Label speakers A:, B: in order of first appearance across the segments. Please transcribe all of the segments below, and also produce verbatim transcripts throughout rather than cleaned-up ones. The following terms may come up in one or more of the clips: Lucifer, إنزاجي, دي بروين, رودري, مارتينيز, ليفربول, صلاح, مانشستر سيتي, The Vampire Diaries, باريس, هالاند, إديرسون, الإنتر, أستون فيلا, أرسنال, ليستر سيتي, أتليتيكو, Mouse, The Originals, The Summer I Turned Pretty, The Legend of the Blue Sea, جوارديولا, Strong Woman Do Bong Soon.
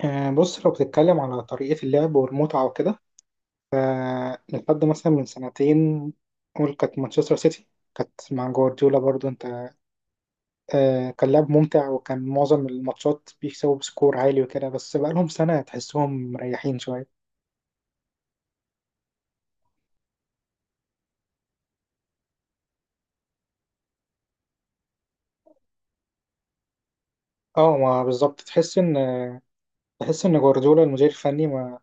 A: آه، بص، لو بتتكلم على طريقة اللعب والمتعة وكده، فلحد مثلا من سنتين قول كانت مانشستر سيتي. كانت مع جوارديولا برضو انت. آه، كان لعب ممتع، وكان معظم الماتشات بيكسبوا بسكور عالي وكده، بس بقالهم سنة تحسهم مريحين شوية. اه، ما بالظبط، تحس ان تحس ان جوارديولا المدير الفني ما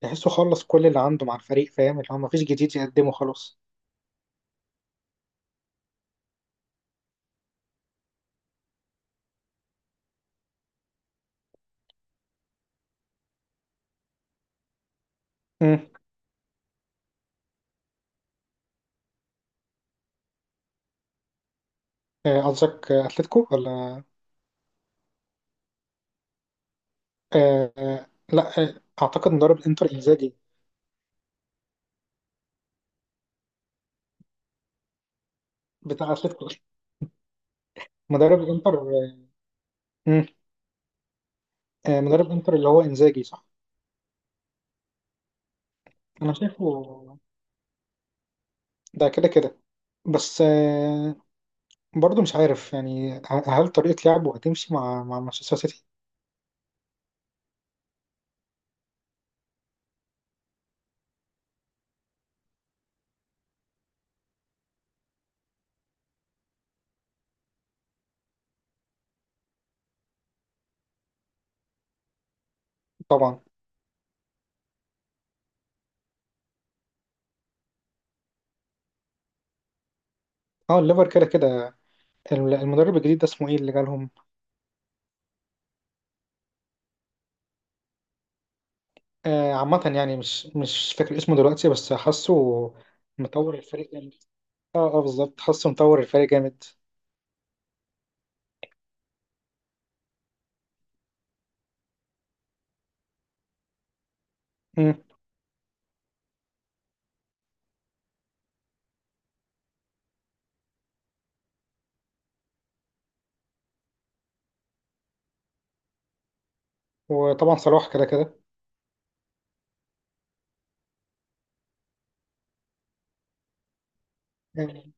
A: تحسه خلص كل اللي عنده مع الفريق، فاهم؟ اللي هو مفيش جديد يقدمه خلاص. مم. آه، قصدك آه، اتلتيكو ولا؟ آه، آه، لا، آه، اعتقد مدرب انتر انزاجي. بتاع اتلتيكو؟ مدرب الانتر. مم. آه، مدرب الانتر اللي هو انزاجي، صح. انا شايفه ده كده كده. بس آه، برضه مش عارف يعني ه- هل طريقة لعبه هتمشي مع مع مانشستر سيتي. طبعا. اه، الليفر كده كده. ال- المدرب الجديد ده اسمه ايه اللي جالهم؟ آه عامة يعني مش مش فاكر اسمه دلوقتي، بس حاسه مطور الفريق جامد. اه، اه، بالظبط، حاسه مطور الفريق جامد. مم. وطبعا صلاح كده كده يعني.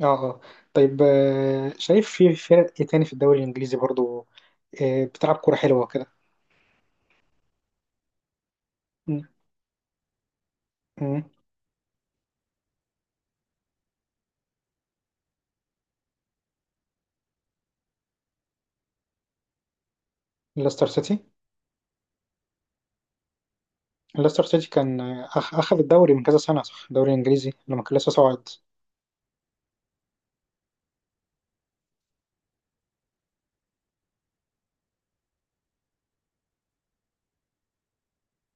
A: اه. اه. طيب، آه، شايف في فرق ايه تاني في الدوري الانجليزي برضه آه، بتلعب كرة حلوة كده؟ م- م. ليستر سيتي. ليستر سيتي كان آه، أخ- أخذ الدوري من كذا سنة، صح؟ الدوري الإنجليزي لما كان لسه صاعد.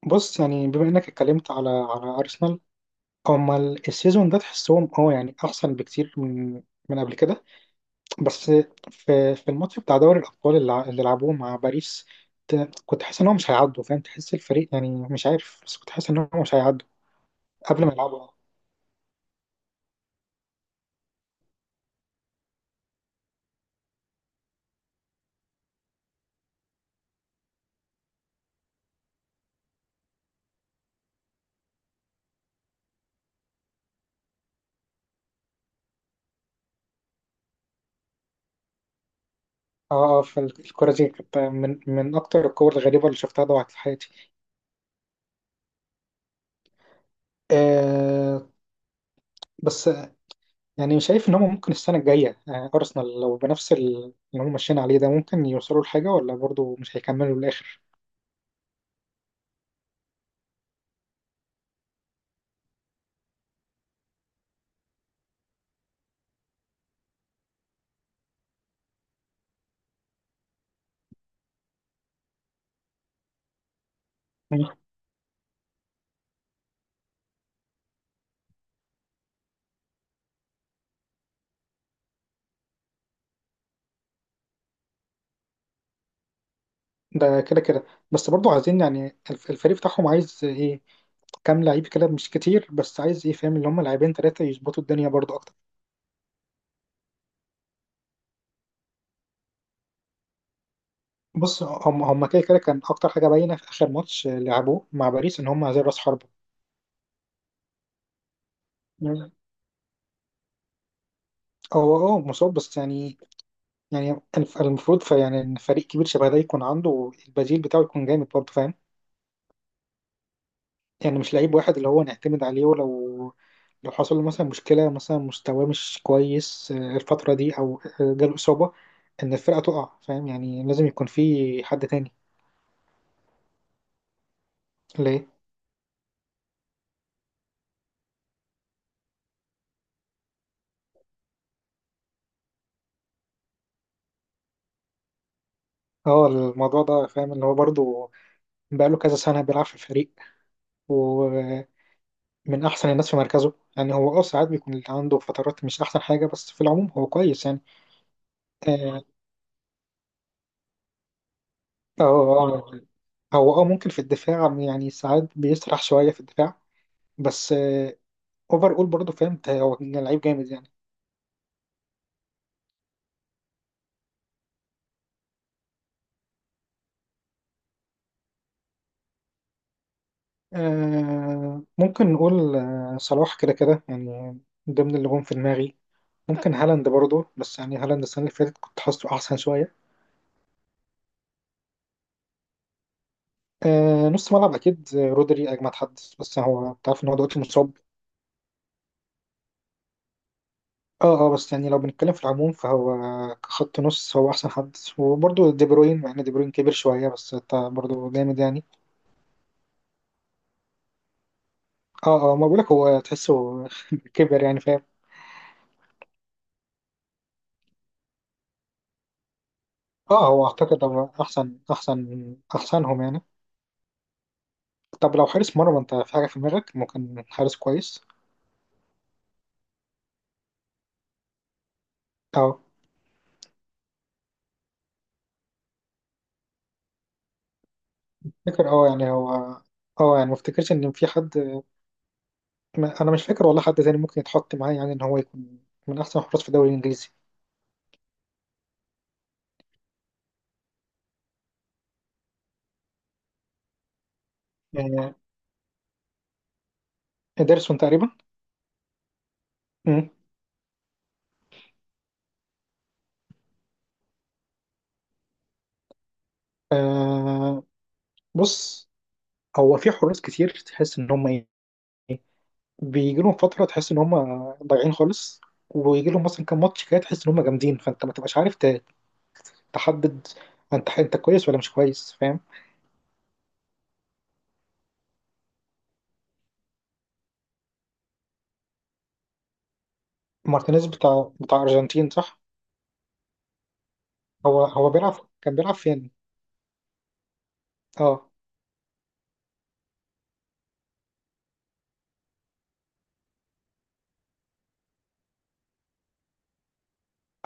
A: بص، يعني بما إنك اتكلمت على على أرسنال، هما ال- السيزون ده تحسهم، اه، يعني أحسن بكتير من من قبل كده. بس في في الماتش بتاع دوري الأبطال اللي ع- اللي لعبوه مع باريس، ت- كنت حاسس إن هو مش هيعدوا، فاهم؟ تحس الفريق يعني مش عارف، بس كنت حاسس إن هو مش هيعدوا قبل ما يلعبوا. اه. اه، فالكرة دي كانت من من أكتر الكور الغريبة اللي شفتها ضاعت في حياتي. آه بس يعني شايف ان هم ممكن السنه الجايه آه ارسنال لو بنفس ال- اللي هم ماشيين عليه ده، ممكن يوصلوا لحاجه ولا برضو مش هيكملوا للاخر؟ مم. ده كده كده. بس برضو عايزين يعني الف- الفريق بتاعهم عايز ايه؟ كام لعيب كده، مش كتير، بس عايز ايه؟ فاهم؟ اللي هم لاعبين ثلاثه يظبطوا الدنيا برضو اكتر. بص، هم هم كده كده كان اكتر حاجه باينه في اخر ماتش لعبوه مع باريس، ان هم عايزين راس حربه. مم. هو، اه، مصاب بس يعني. يعني الف- المفروض فيعني ان فريق كبير شبه ده يكون عنده البديل بتاعه يكون جامد برضه، فاهم؟ يعني مش لعيب واحد اللي هو نعتمد عليه، ولو لو حصل له مثلا مشكلة، مثلا مستواه مش كويس آه، الفترة دي او آه، جاله إصابة، ان الفرقة تقع، فاهم؟ يعني لازم يكون في حد تاني. ليه؟ اه، الموضوع ده فاهم اللي هو برضه بقاله كذا سنة بيلعب في الفريق، ومن أحسن الناس في مركزه. يعني هو، اه، ساعات بيكون عنده فترات مش أحسن حاجة، بس في العموم هو كويس يعني. آه. اه، هو اه ممكن في الدفاع يعني ساعات بيسرح شوية في الدفاع. بس اوفر اول برضه، فاهم؟ ت- هو لعيب جامد يعني. آه ممكن نقول آه، صلاح كده كده يعني، ضمن اللي جم في دماغي. ممكن هالاند برضه، بس يعني هالاند السنة اللي فاتت كنت حاسه أحسن شوية. آه نص ملعب أكيد رودري أجمد حد، بس هو تعرف إن هو دلوقتي مصاب. اه، اه، بس يعني لو بنتكلم في العموم فهو كخط نص هو أحسن حد، وبرضه دي بروين مع إن دي بروين كبر شوية، بس تا- برضه جامد يعني. اه، اه، ما بقولك هو تحسه كبر يعني، فاهم؟ اه، هو اعتقد هو احسن احسن احسنهم يعني. طب لو حارس مرمى، انت في حاجه في دماغك ممكن حارس كويس؟ اه، فاكر. اه، يعني هو، اه، يعني ما افتكرش ان في حد. ما انا مش فاكر والله حد تاني ممكن يتحط معاه، يعني ان هو يكون من احسن الحراس في الدوري الانجليزي. يعني ادرسون تقريبا. مم. آه بص، هو في حراس كتير تحس ان هم إيه، بيجي لهم فتره تحس ان هم ضايعين خالص، ويجي لهم مثلا كام ماتش كده تحس ان هم جامدين، فانت ما تبقاش عارف ت- تحدد انت انت كويس ولا مش كويس، فاهم؟ مارتينيز بتاع بتاع ارجنتين، صح؟ هو هو بيلعب كان بيلعب فين؟ اه،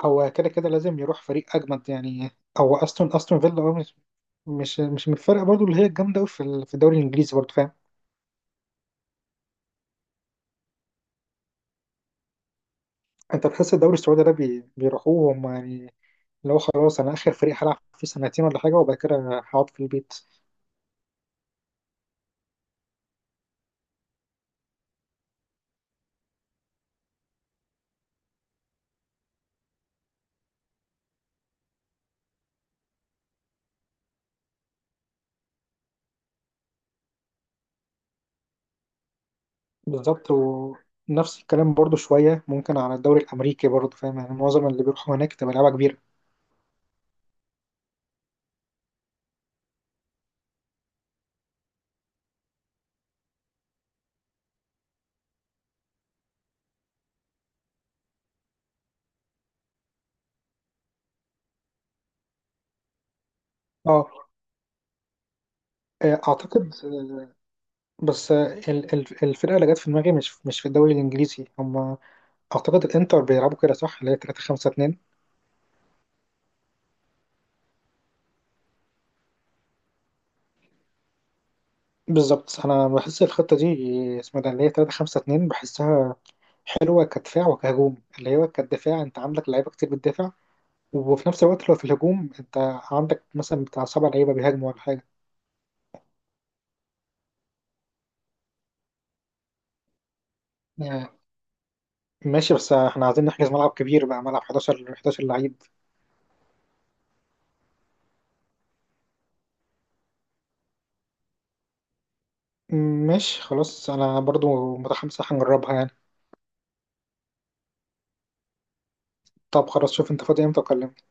A: هو كده كده لازم يروح فريق اجمد يعني. هو استون استون فيلا، اه، مش مش مش من الفرق برضو اللي هي الجامده قوي في ال- في الدوري الانجليزي برضو، فاهم؟ انت تحس الدوري السعودي ده بي- بيروحوه هم يعني؟ اللي هو خلاص انا اخر فريق هلعب فيه سنتين ولا حاجه، وبعد كده هقعد في البيت. بالظبط. ونفس الكلام برضو شوية ممكن على الدوري الأمريكي برضو، فاهم؟ يعني معظم اللي بيروحوا هناك تبقى لعبة كبيرة. اه. آه، أعتقد آه، بس آه، ال- ال- الفرقة اللي جت في دماغي، مش مش في الدوري الإنجليزي هم. أعتقد الإنتر بيلعبوا كده، صح؟ اللي هي ثلاثة خمسة اتنين. بالظبط. أنا بحس الخطة دي، اسمها ده اللي هي 3 5 2، بحسها حلوة كدفاع وكهجوم. اللي هو كدفاع أنت عندك لعيبة كتير بتدافع، وفي نفس الوقت لو في الهجوم أنت عندك مثلا بتاع سبع لعيبة بيهاجموا ولا حاجة. يعني ماشي، بس احنا عايزين نحجز ملعب كبير، بقى ملعب حداشر، حداشر لعيب. ماشي، خلاص انا برضو متحمس، هنجربها يعني. طب خلاص، شوف انت فاضي امتى اكلمك.